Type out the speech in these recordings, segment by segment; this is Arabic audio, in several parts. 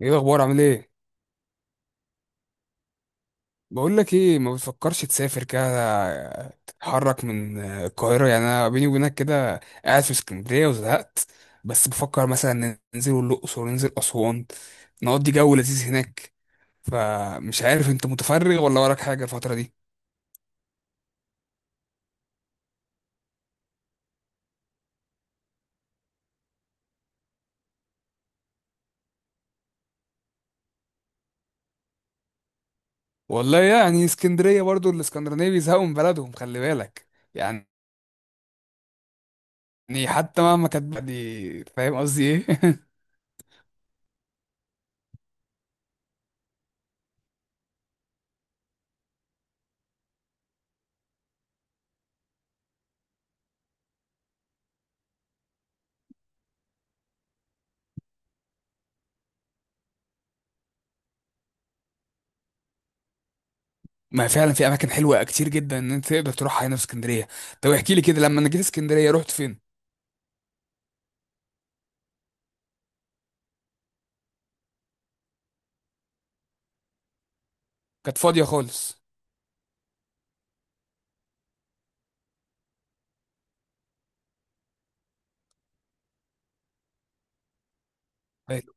ايه الاخبار؟ عامل ايه؟ بقول لك ايه، ما بتفكرش تسافر كده؟ تتحرك من القاهره. يعني انا بيني وبينك كده، قاعد في اسكندريه وزهقت. بس بفكر مثلا ننزل الاقصر وننزل اسوان، نقضي جو لذيذ هناك. فمش عارف انت متفرغ ولا وراك حاجه الفتره دي. والله يعني اسكندريه برضو الاسكندرانيه بيزهقوا من بلدهم، خلي بالك. يعني حتى مهما كانت بلدي، فاهم قصدي ايه؟ ما فعلا في اماكن حلوه كتير جدا ان انت تقدر تروحها هنا في اسكندريه. طب احكي لي كده، لما انا جيت اسكندريه رحت فين؟ كانت فاضيه خالص؟ حلو.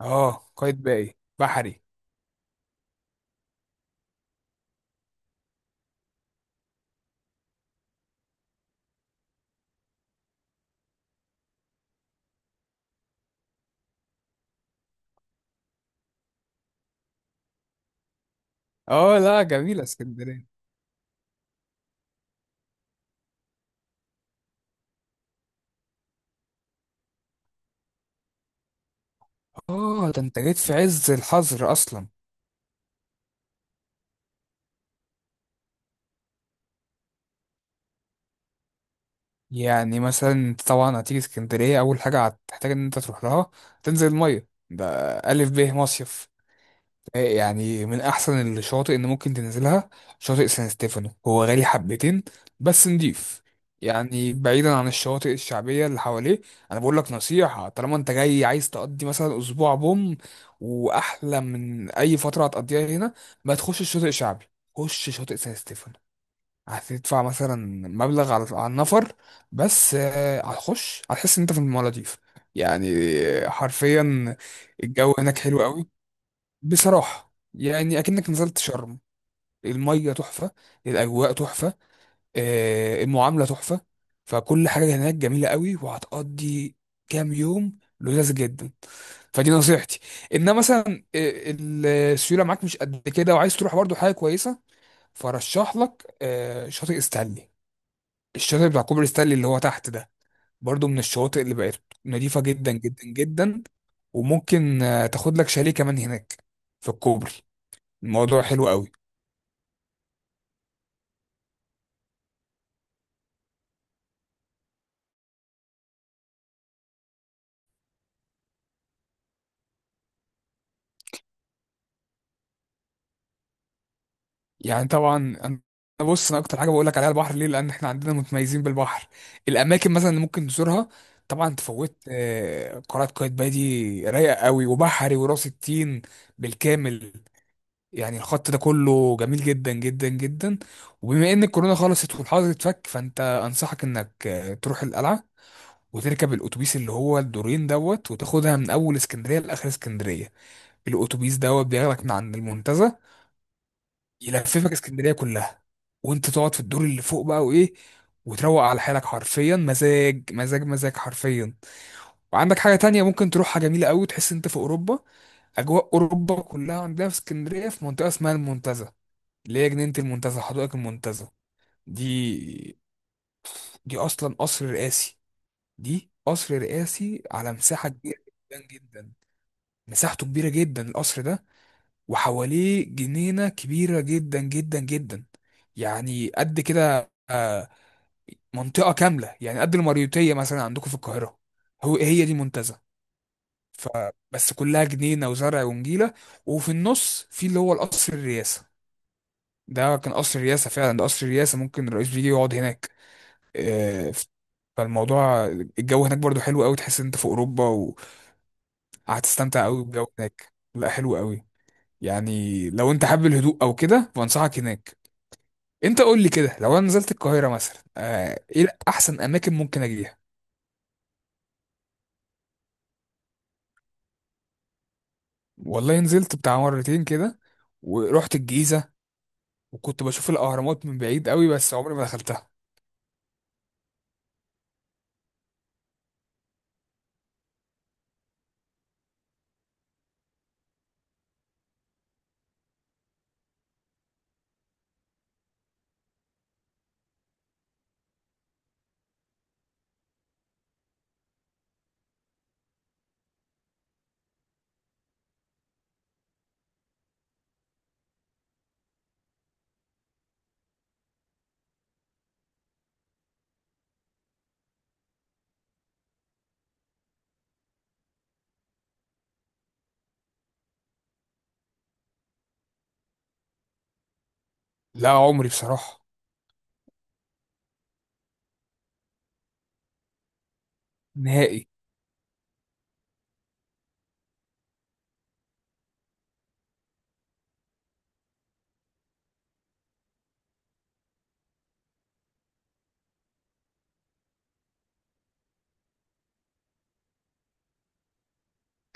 اه، قايد باقي بحري. اه، لا جميله اسكندريه. اه، ده انت جيت في عز الحظر اصلا. يعني مثلا انت طبعا هتيجي اسكندريه، اول حاجه هتحتاج ان انت تروح لها، تنزل الميه ده. الف ب مصيف. يعني من احسن الشواطئ اللي ممكن تنزلها. شاطئ سان ستيفانو هو غالي حبتين، بس نضيف. يعني بعيدا عن الشواطئ الشعبيه اللي حواليه. انا بقول لك نصيحه، طالما انت جاي عايز تقضي مثلا اسبوع بوم، واحلى من اي فتره هتقضيها هنا، ما تخش الشاطئ الشعبي، خش شاطئ سان ستيفانو. هتدفع مثلا مبلغ على النفر، بس هتخش هتحس ان انت في المالديف. يعني حرفيا. الجو هناك حلو قوي، بصراحة يعني أكنك نزلت شرم. المية تحفة، الأجواء تحفة، المعاملة تحفة. فكل حاجة هناك جميلة قوي، وهتقضي كام يوم لذاذ جدا. فدي نصيحتي. إنما مثلا السيولة معاك مش قد كده وعايز تروح برضو حاجة كويسة. فرشح لك شاطئ ستانلي، الشاطئ بتاع كوبري ستانلي اللي هو تحت ده، برضو من الشواطئ اللي بقت نظيفة جدا جدا جدا. وممكن تاخد لك شاليه كمان هناك في الكوبري، الموضوع حلو قوي. يعني طبعا أنا بص، انا اكتر حاجه بقول لك عليها البحر، ليه؟ لان احنا عندنا متميزين بالبحر. الاماكن مثلا اللي ممكن تزورها، طبعا تفوت قلعه قايتباي، دي رايقه قوي، وبحري وراس التين بالكامل. يعني الخط ده كله جميل جدا جدا جدا. وبما ان الكورونا خلصت والحظر اتفك، فانت انصحك انك تروح القلعه، وتركب الاتوبيس اللي هو الدورين دوت، وتاخدها من اول اسكندريه لاخر اسكندريه. الاتوبيس دوت بياخدك من عند المنتزه، يلففك اسكندريه كلها، وانت تقعد في الدور اللي فوق بقى وايه، وتروق على حالك، حرفيا مزاج مزاج مزاج، حرفيا. وعندك حاجه تانية ممكن تروحها جميله قوي، تحس انت في اوروبا. اجواء اوروبا كلها عندنا في اسكندريه، في منطقه اسمها المنتزه، اللي هي جنينه المنتزه، حدائق المنتزه دي دي اصلا قصر رئاسي. دي قصر رئاسي على مساحه كبيره جدا جدا، مساحته كبيره جدا القصر ده، وحواليه جنينة كبيرة جدا جدا جدا. يعني قد كده، منطقة كاملة، يعني قد المريوطية مثلا عندكم في القاهرة. هي دي منتزه. فبس كلها جنينة وزرع ونجيلة، وفي النص في اللي هو القصر الرئاسة. ده كان قصر الرئاسة فعلا، ده قصر الرئاسة، ممكن الرئيس بيجي يقعد هناك. آه، فالموضوع، الجو هناك برضو حلو قوي، تحس إن انت في اوروبا. وهتستمتع قوي بالجو هناك، لا حلو قوي. يعني لو انت حابب الهدوء او كده، فانصحك هناك. انت قول لي كده، لو انا نزلت القاهره مثلا، ايه احسن اماكن ممكن اجيها؟ والله نزلت بتاع مرتين كده، ورحت الجيزه، وكنت بشوف الاهرامات من بعيد قوي، بس عمري ما دخلتها. لا عمري بصراحه نهائي.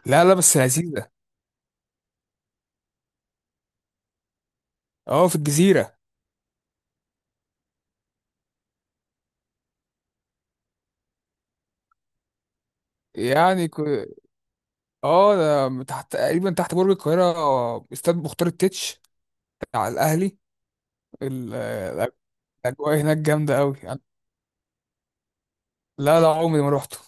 لا، لا، بس لذيذه. اه، في الجزيره. يعني اه، ده تحت تقريبا، تحت برج القاهره، استاد مختار التتش بتاع الاهلي. ال- آه، الاجواء هناك جامده قوي. لا، لا، عمري ما روحته.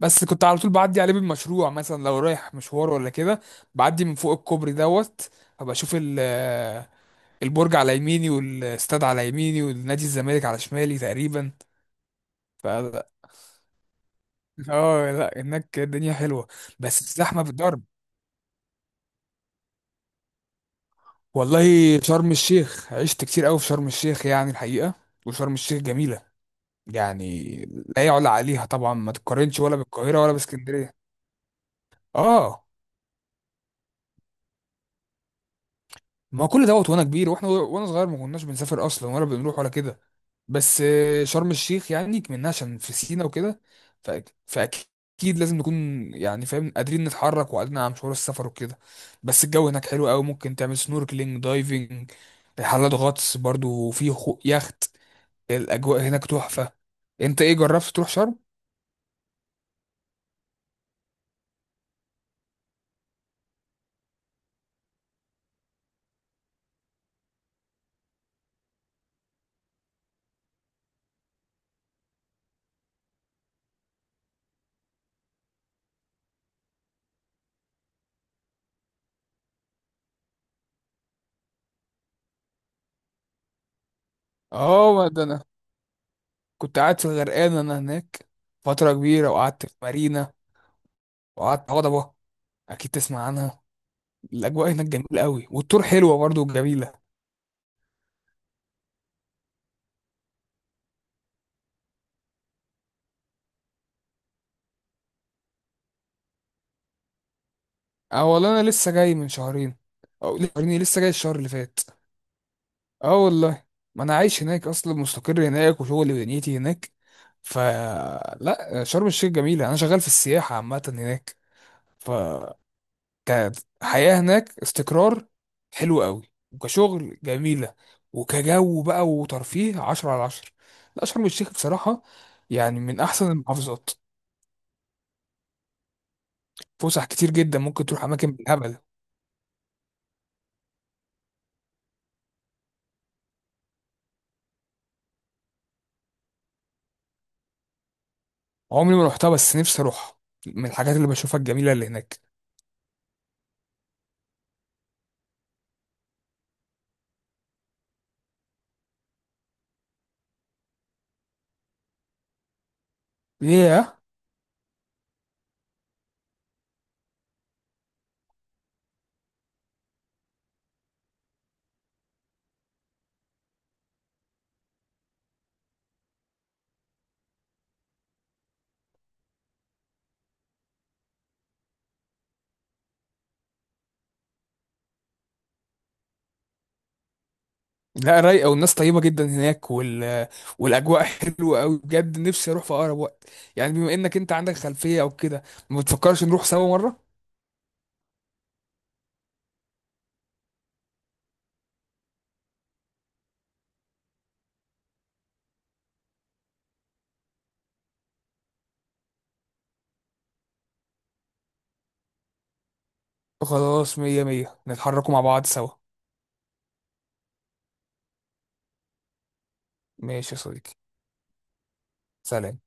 بس كنت على طول بعدي عليه بالمشروع، مثلا لو رايح مشوار ولا كده. بعدي من فوق الكوبري دوت، فبشوف اشوف ال- البرج على يميني، والاستاد على يميني، والنادي الزمالك على شمالي تقريبا. ف اه، لا هناك الدنيا حلوه، بس الزحمه بالضرب. والله شرم الشيخ عشت كتير قوي في شرم الشيخ، يعني الحقيقه، وشرم الشيخ جميله. يعني لا يعلى عليها طبعا، ما تتقارنش ولا بالقاهره ولا باسكندريه. اه، ما هو كل دوت وانا كبير، وانا صغير ما كناش بنسافر اصلا ولا بنروح ولا كده. بس شرم الشيخ يعني منها عشان في سينا وكده. ف- فاكيد لازم نكون، يعني فاهم، قادرين نتحرك وقادرين على مشوار السفر وكده. بس الجو هناك حلو قوي، ممكن تعمل سنوركلينج دايفنج، رحلات غطس برضو، وفي يخت. الاجواء هناك تحفة. انت ايه جربت تروح شرم؟ اه، ده انا كنت قاعد في الغرقان انا هناك فترة كبيرة، وقعدت في مارينا، وقعدت في هضبة، اكيد تسمع عنها. الاجواء هناك جميله قوي، والطور حلوه برضو وجميله. اه والله انا لسه جاي من شهرين، او لسه شهرين، إيه، لسه جاي الشهر اللي فات. اه والله، ما انا عايش هناك اصلا، مستقر هناك، وشغلي ودنيتي هناك. فلا شرم الشيخ جميله، انا شغال في السياحه عامه هناك. فكانت حياه هناك استقرار حلو قوي، وكشغل جميله، وكجو بقى وترفيه عشرة على عشرة. لا شرم الشيخ بصراحه يعني من احسن المحافظات. فسح كتير جدا، ممكن تروح اماكن بالهبل. عمري ما رحتها، بس نفسي اروح، من الحاجات اللي بشوفها الجميله اللي هناك. ليه؟ لا، رايقه والناس طيبه جدا هناك والاجواء حلوه قوي، بجد نفسي اروح في اقرب وقت. يعني بما انك انت عندك خلفيه او كده، ما بتفكرش نروح سوا مره؟ خلاص، مية مية، نتحركوا مع بعض سوا. ماشي يا صديقي، سلام.